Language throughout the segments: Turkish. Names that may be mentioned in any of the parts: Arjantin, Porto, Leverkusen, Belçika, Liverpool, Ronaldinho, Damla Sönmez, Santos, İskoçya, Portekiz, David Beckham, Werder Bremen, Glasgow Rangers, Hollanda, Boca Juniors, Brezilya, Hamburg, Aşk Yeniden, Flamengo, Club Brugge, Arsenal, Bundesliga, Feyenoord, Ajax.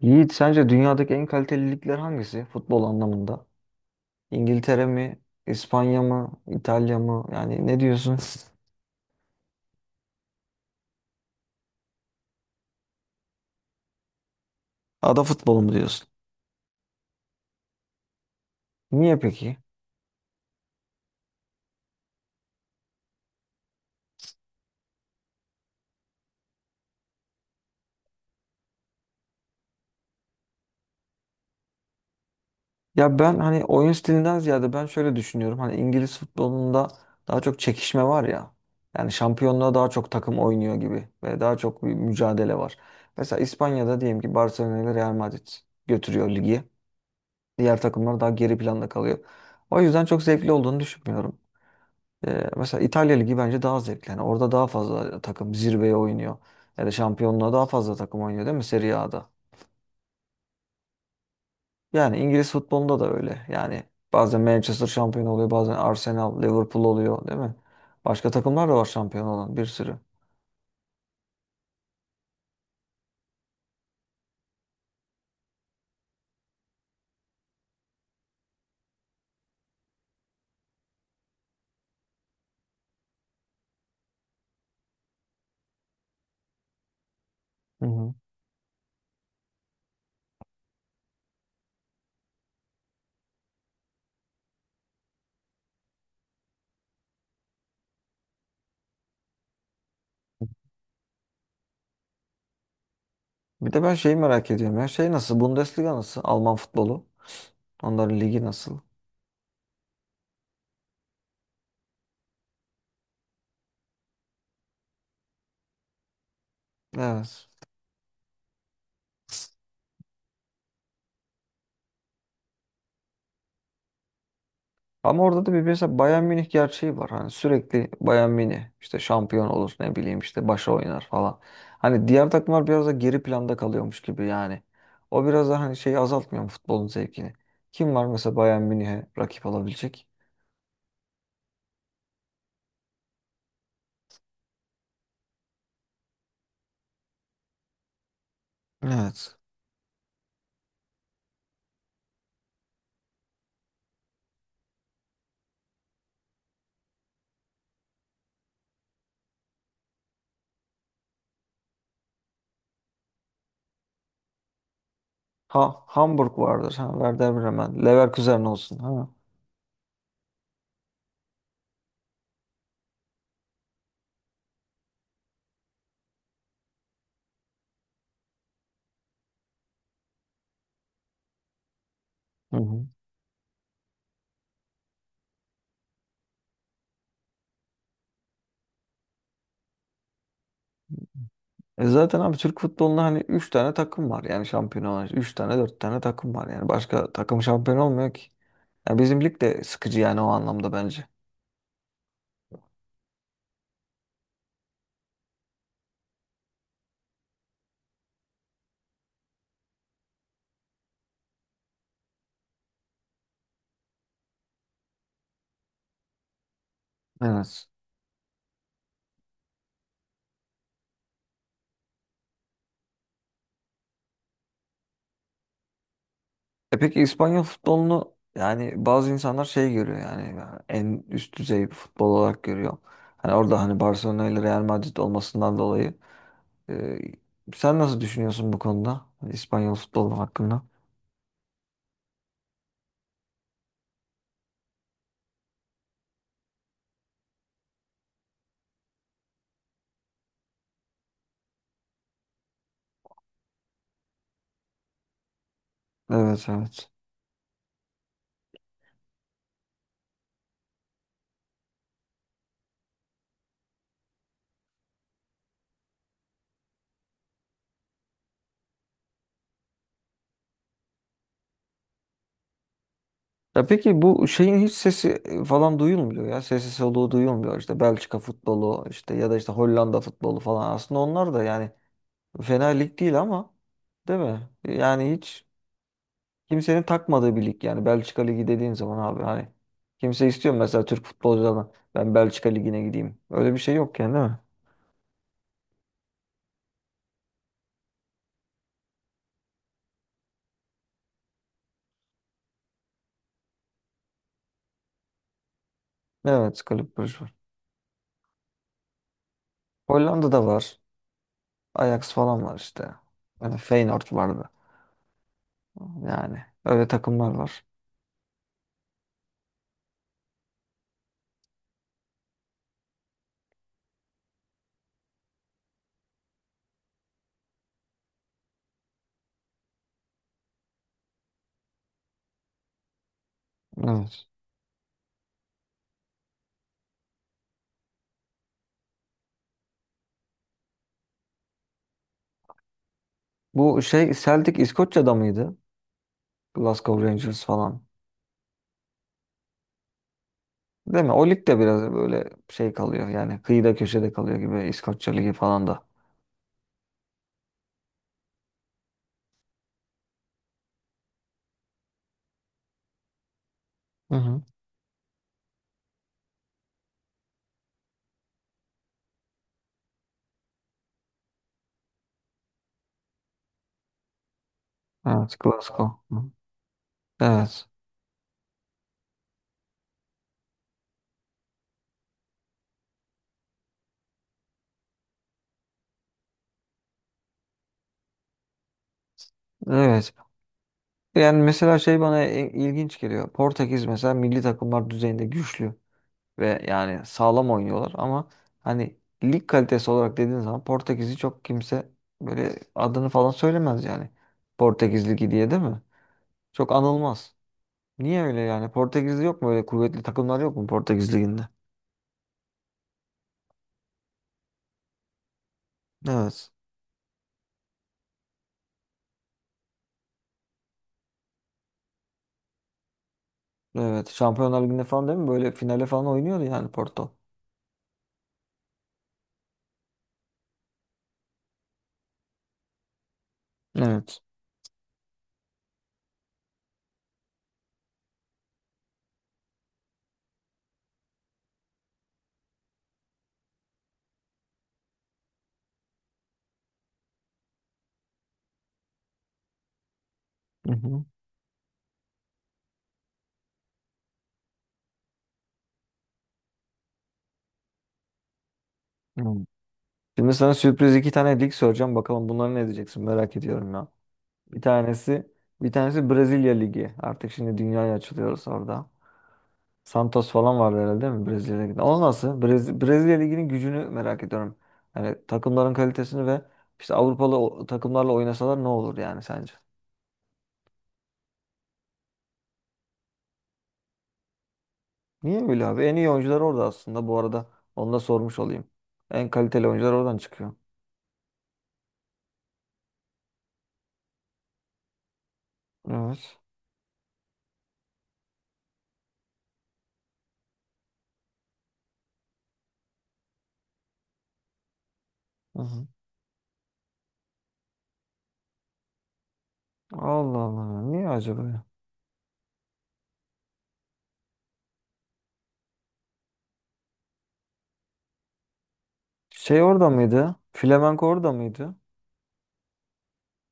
Yiğit, sence dünyadaki en kaliteli ligler hangisi futbol anlamında? İngiltere mi, İspanya mı, İtalya mı? Yani ne diyorsun? Ada futbolu mu diyorsun? Niye peki? Ya ben hani oyun stilinden ziyade ben şöyle düşünüyorum. Hani İngiliz futbolunda daha çok çekişme var ya. Yani şampiyonluğa daha çok takım oynuyor gibi ve daha çok bir mücadele var. Mesela İspanya'da diyelim ki Barcelona ile Real Madrid götürüyor ligi. Diğer takımlar daha geri planda kalıyor. O yüzden çok zevkli olduğunu düşünmüyorum. Mesela İtalya Ligi bence daha zevkli. Yani orada daha fazla takım zirveye oynuyor. Ya da şampiyonluğa daha fazla takım oynuyor, değil mi Serie A'da? Yani İngiliz futbolunda da öyle. Yani bazen Manchester şampiyon oluyor, bazen Arsenal, Liverpool oluyor, değil mi? Başka takımlar da var şampiyon olan, bir sürü. Hı hı. Bir de ben şeyi merak ediyorum ya. Şey nasıl? Bundesliga nasıl? Alman futbolu. Onların ligi nasıl? Evet. Ama orada da bir mesela Bayern Münih gerçeği var. Hani sürekli Bayern Münih işte şampiyon olur, ne bileyim işte başa oynar falan. Hani diğer takımlar biraz da geri planda kalıyormuş gibi yani. O biraz da hani şeyi azaltmıyor mu futbolun zevkini? Kim var mesela Bayern Münih'e rakip olabilecek? Evet. Ha, Hamburg vardır. Ha, Werder Bremen. Leverkusen olsun. Ha. Hı hı. E zaten abi Türk futbolunda hani 3 tane takım var yani şampiyon olan. 3 tane, dört tane takım var yani. Başka takım şampiyon olmuyor ki. Ya bizim lig de sıkıcı yani o anlamda bence. Evet. E peki İspanyol futbolunu, yani bazı insanlar şey görüyor, yani en üst düzey bir futbol olarak görüyor. Hani orada hani Barcelona ile Real Madrid olmasından dolayı e, sen nasıl düşünüyorsun bu konuda? Hani İspanyol futbolu hakkında? Evet, evet. Ya peki bu şeyin hiç sesi falan duyulmuyor ya. Sesi soluğu duyulmuyor. İşte Belçika futbolu işte, ya da işte Hollanda futbolu falan. Aslında onlar da yani fena lig değil ama, değil mi? Yani hiç kimsenin takmadığı bir lig yani Belçika Ligi dediğin zaman abi, hani kimse istiyor mu mesela Türk futbolculardan ben Belçika Ligi'ne gideyim. Öyle bir şey yok yani, değil mi? Evet, kulüp Brugge var. Hollanda'da var. Ajax falan var işte. Yani Feyenoord vardı. Yani öyle takımlar var. Evet. Bu şey Celtic İskoçya'da mıydı? Glasgow Rangers falan. Değil mi? O lig de biraz böyle şey kalıyor yani, kıyıda köşede kalıyor gibi İskoçya Ligi falan da. Hı hı. Evet, Glasgow. Hı. Evet. Evet. Yani mesela şey bana ilginç geliyor. Portekiz mesela milli takımlar düzeyinde güçlü ve yani sağlam oynuyorlar ama hani lig kalitesi olarak dediğin zaman Portekiz'i çok kimse böyle adını falan söylemez yani. Portekiz Ligi diye, değil mi? Çok anılmaz. Niye öyle yani? Portekiz'de yok mu öyle kuvvetli takımlar, yok mu Portekiz Ligi'nde? Evet. Evet. Şampiyonlar Ligi'nde falan, değil mi? Böyle finale falan oynuyordu yani Porto. Evet. Hı hı. Hı. Şimdi sana sürpriz iki tane lig soracağım. Bakalım bunları ne diyeceksin, merak ediyorum ya. Bir tanesi bir tanesi Brezilya Ligi. Artık şimdi dünyaya açılıyoruz orada. Santos falan vardı herhalde, değil mi Brezilya Ligi'nde? O nasıl? Brezilya Ligi'nin gücünü merak ediyorum. Yani takımların kalitesini ve işte Avrupalı takımlarla oynasalar ne olur yani sence? Niye böyle abi? En iyi oyuncular orada aslında bu arada. Onu da sormuş olayım. En kaliteli oyuncular oradan çıkıyor. Evet. Hı hı. Allah Allah. Niye acaba ya? Şey orada mıydı? Flamenco orada mıydı?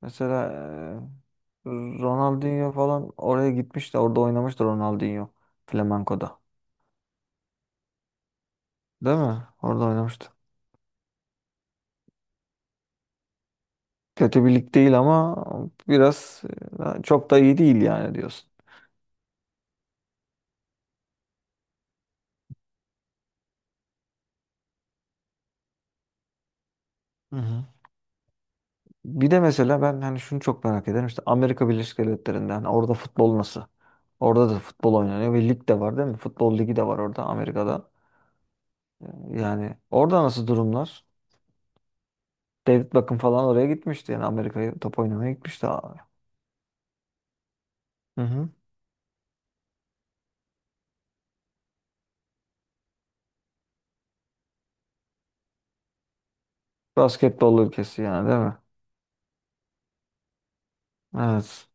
Mesela e, Ronaldinho falan oraya gitmiş de orada oynamıştı Ronaldinho Flamenco'da. Değil mi? Orada oynamıştı. Kötü bir lig değil ama biraz çok da iyi değil yani diyorsun. Hı hı. Bir de mesela ben hani şunu çok merak ederim. İşte Amerika Birleşik Devletleri'nde hani orada futbol nasıl? Orada da futbol oynanıyor ve lig de var, değil mi? Futbol ligi de var orada Amerika'da. Ee, Yani orada nasıl durumlar? David Beckham falan oraya gitmişti. Yani Amerika'ya top oynamaya gitmişti, abi. Hı hı. Basketbol ülkesi yani, değil mi? Evet.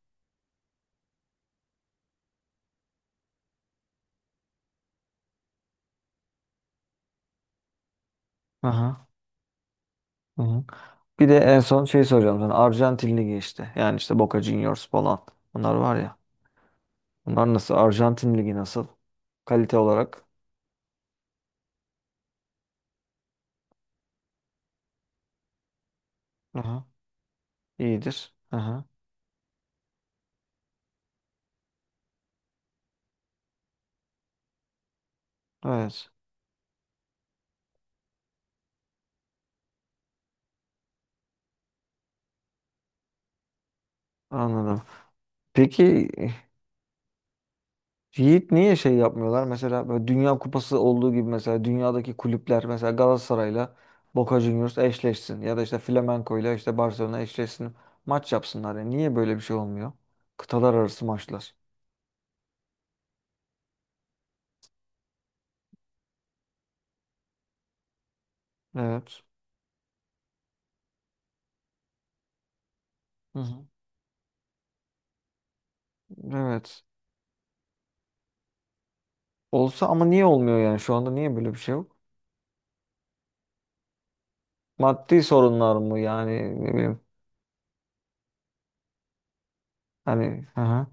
Aha, aha. Bir de en son şey soracağım sana. Arjantin Ligi işte. Yani işte Boca Juniors falan. Bunlar var ya. Bunlar nasıl? Arjantin Ligi nasıl? Kalite olarak. Aha. iyidir. Aha. Evet. Anladım. Peki Yiğit, niye şey yapmıyorlar? Mesela böyle Dünya Kupası olduğu gibi mesela dünyadaki kulüpler mesela Galatasaray'la Boca Juniors eşleşsin ya da işte Flamenco'yla işte Barcelona eşleşsin. Maç yapsınlar. Yani niye böyle bir şey olmuyor? Kıtalar arası maçlar. Evet. Hı hı. Evet. Olsa ama niye olmuyor yani? Şu anda niye böyle bir şey yok? Maddi sorunlar mı yani, ne bileyim, hani, hı hı.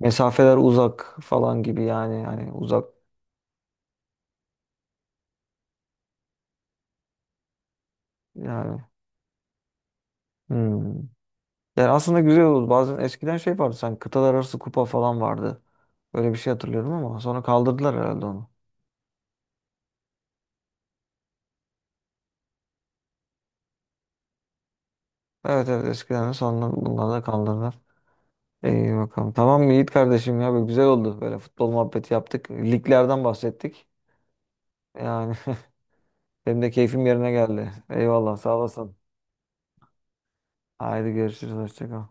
Mesafeler uzak falan gibi yani, hani uzak yani. Hmm. Yani aslında güzel oldu. Bazen eskiden şey vardı sanki, kıtalar arası kupa falan vardı. Böyle bir şey hatırlıyorum ama sonra kaldırdılar herhalde onu. Evet, evet eskiden de sonra bunlar da kaldırdılar. İyi bakalım. Tamam Yiğit kardeşim ya, böyle güzel oldu. Böyle futbol muhabbeti yaptık. Liglerden bahsettik. Yani benim de keyfim yerine geldi. Eyvallah, sağ olasın. Haydi görüşürüz. Hoşça kal.